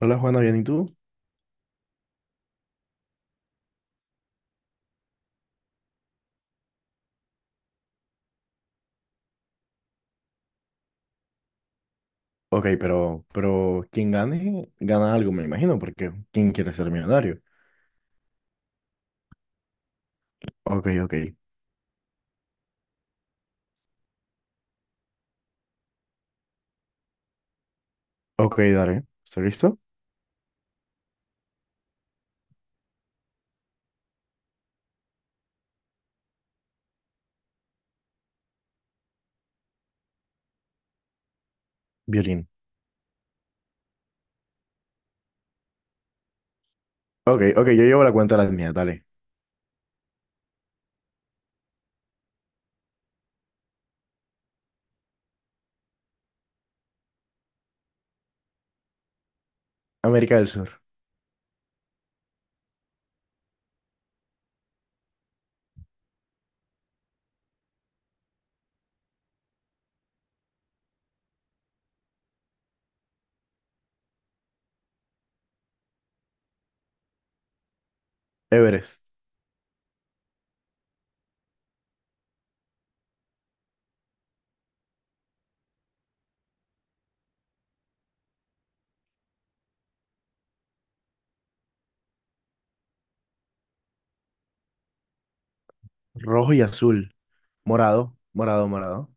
Hola Juana, ¿bien y tú? Ok, pero quien gane, gana algo, me imagino, porque ¿quién quiere ser millonario? Ok, ok. Ok, dale. ¿Estás listo? Violín. Ok, ok, yo llevo la cuenta de las mías, dale. América del Sur, Everest, rojo y azul, morado, morado, morado,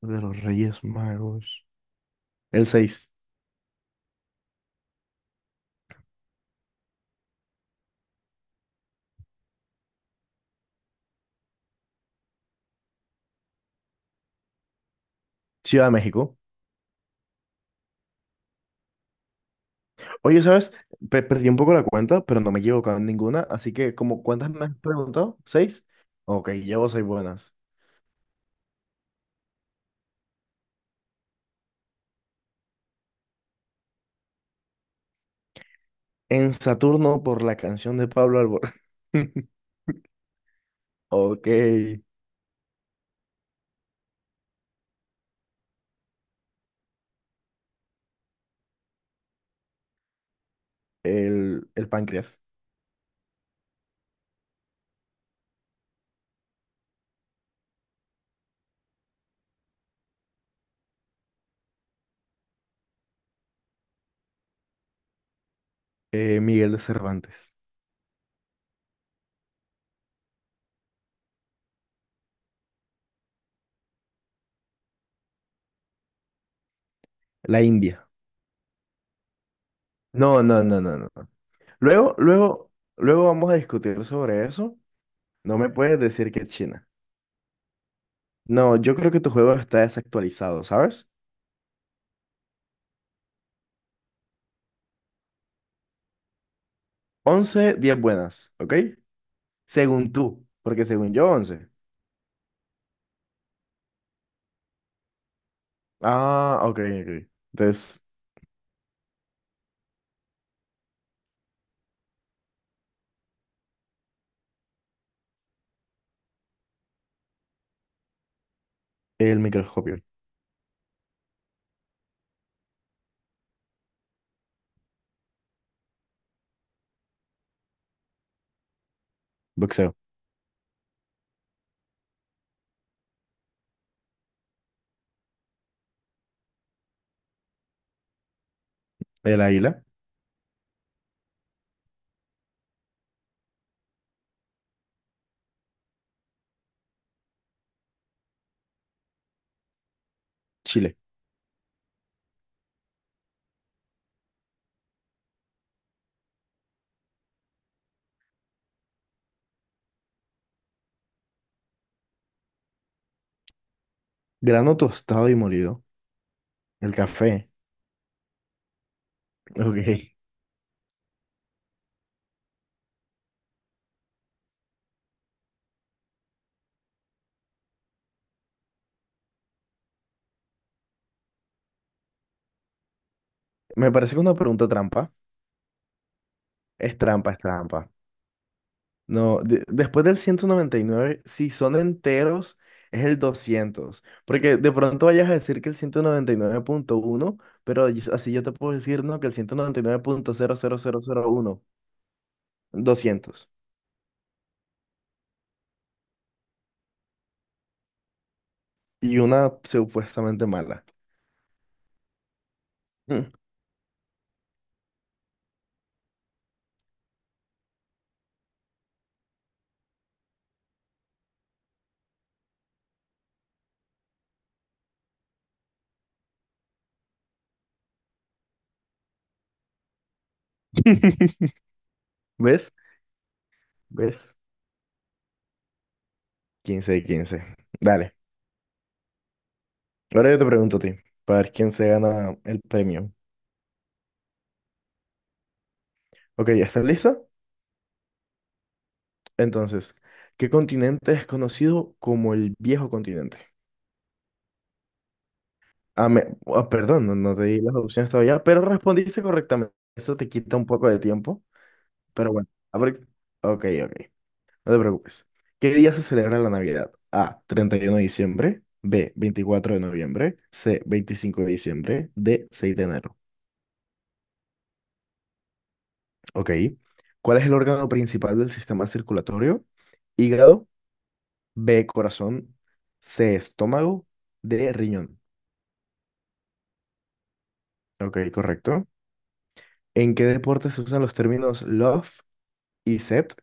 de los Reyes Magos. El 6. Ciudad de México. Oye, ¿sabes? Perdí un poco la cuenta, pero no me he equivocado en ninguna, así que como ¿cuántas me has preguntado? ¿Seis? Ok, llevo seis buenas. En Saturno por la canción de Pablo Alborán. Ok. El páncreas. Miguel de Cervantes. La India. No, no, no, no, no, no. Luego, luego, luego vamos a discutir sobre eso. No me puedes decir que China. No, yo creo que tu juego está desactualizado, ¿sabes? 11 10 buenas, ¿ok? Según tú, porque según yo, 11. Ah, ok, ok. Entonces, el microscopio, boxeo, el águila, Chile, grano tostado y molido, el café. Ok. Me parece que una pregunta trampa. Es trampa, es trampa. No, después del 199 si son enteros, es el 200, porque de pronto vayas a decir que el 199,1, pero así yo te puedo decir, no, que el 199,00001, 200 y una supuestamente mala. Mm. ¿Ves? ¿Ves? 15 de 15. Dale. Ahora yo te pregunto a ti, para ver quién se gana el premio. Ok, ¿ya? ¿Estás lista? Entonces, ¿qué continente es conocido como el viejo continente? Ah, ah, perdón, no, no te di las opciones todavía, pero respondiste correctamente. Eso te quita un poco de tiempo, pero bueno. A ver, ok, ok, no te preocupes. ¿Qué día se celebra la Navidad? A, 31 de diciembre, B, 24 de noviembre, C, 25 de diciembre, D, 6 de enero. Ok. ¿Cuál es el órgano principal del sistema circulatorio? Hígado, B, corazón, C, estómago, D, riñón. Ok, correcto. ¿En qué deporte se usan los términos love y set?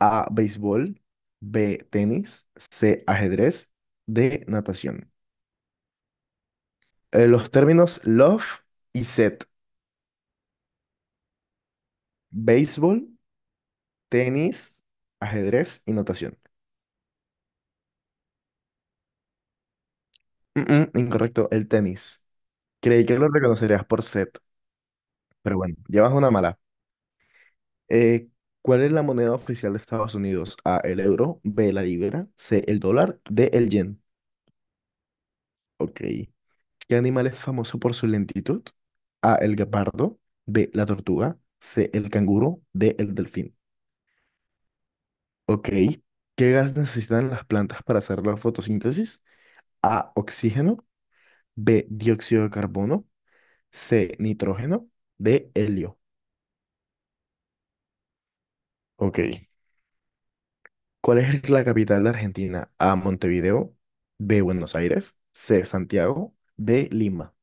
A, béisbol, B, tenis, C, ajedrez, D, natación. Los términos love y set, béisbol, tenis, ajedrez y natación. Mm, incorrecto, el tenis. Creí que lo reconocerías por set, pero bueno, llevas una mala. Eh, ¿cuál es la moneda oficial de Estados Unidos? A, el euro, B, la libra, C, el dólar, D, el yen. Ok. ¿Qué animal es famoso por su lentitud? A, el guepardo, B, la tortuga, C, el canguro, D, el delfín. Ok. ¿Qué gas necesitan las plantas para hacer la fotosíntesis? A, oxígeno, B, dióxido de carbono, C, nitrógeno, D, helio. Ok. ¿Cuál es la capital de Argentina? A, Montevideo, B, Buenos Aires, C, Santiago, D, Lima.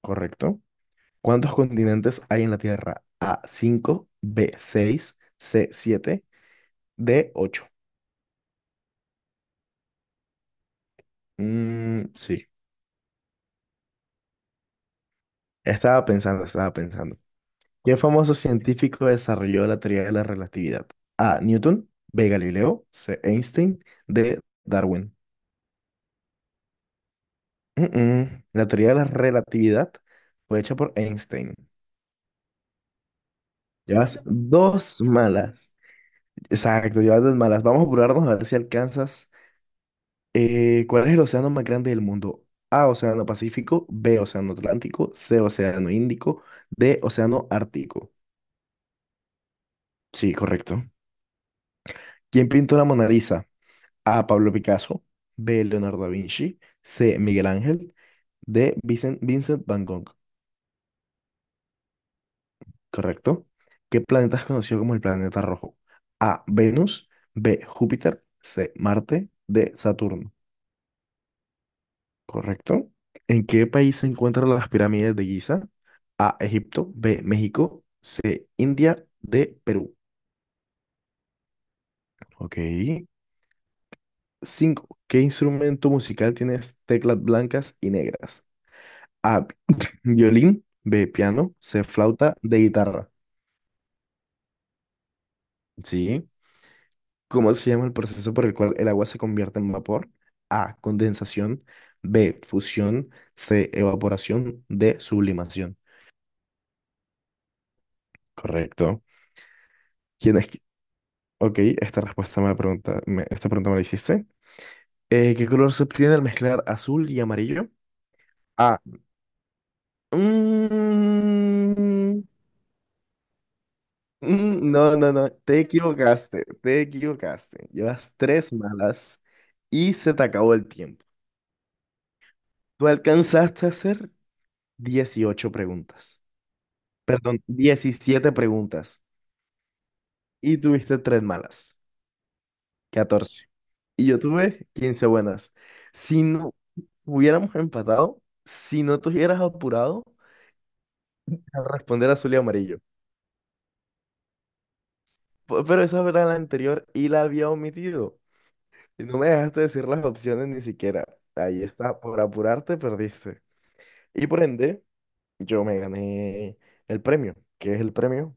Correcto. ¿Cuántos continentes hay en la Tierra? A, cinco. B, seis. C, siete. De 8. Sí. Estaba pensando, estaba pensando. ¿Qué famoso científico desarrolló la teoría de la relatividad? A. Newton. B. Galileo. C. Einstein. D. Darwin. Mm, mm. La teoría de la relatividad fue hecha por Einstein. Llevas dos malas. Exacto, llevas dos malas. Vamos a apurarnos a ver si alcanzas. ¿Cuál es el océano más grande del mundo? A. Océano Pacífico. B. Océano Atlántico. C. Océano Índico. D. Océano Ártico. Sí, correcto. ¿Quién pintó la Mona Lisa? A. Pablo Picasso. B. Leonardo da Vinci. C. Miguel Ángel. D. Vincent Van Gogh. ¿Correcto? ¿Qué planeta es conocido como el planeta rojo? A. Venus. B. Júpiter. C. Marte. D. Saturno. ¿Correcto? ¿En qué país se encuentran las pirámides de Giza? A. Egipto. B. México. C. India. D. Perú. Ok. 5. ¿Qué instrumento musical tienes teclas blancas y negras? A. Violín. B. Piano. C. Flauta. D. Guitarra. Sí. ¿Cómo se llama el proceso por el cual el agua se convierte en vapor? A. Condensación. B. Fusión. C. Evaporación. D. Sublimación. Correcto. ¿Quién es? Ok, esta respuesta me la pregunta, esta pregunta me la hiciste. ¿Qué color se obtiene al mezclar azul y amarillo? A. Mm, No, no, no, te equivocaste, te equivocaste. Llevas tres malas y se te acabó el tiempo. Tú alcanzaste a hacer 18 preguntas, perdón, 17 preguntas y tuviste tres malas, 14. Y yo tuve 15 buenas. Si no hubiéramos empatado, si no te hubieras apurado a responder azul y amarillo. Pero esa era la anterior y la había omitido. Y no me dejaste decir las opciones ni siquiera. Ahí está, por apurarte perdiste. Y por ende, yo me gané el premio, que es el premio,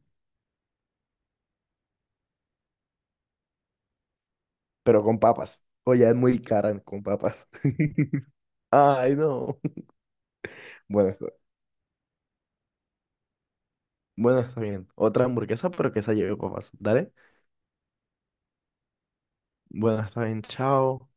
pero con papas. O ya es muy cara con papas. Ay, no. Bueno, está, bueno, está bien. Otra hamburguesa, pero que esa lleve papas. Dale. Bueno, está bien. Chao.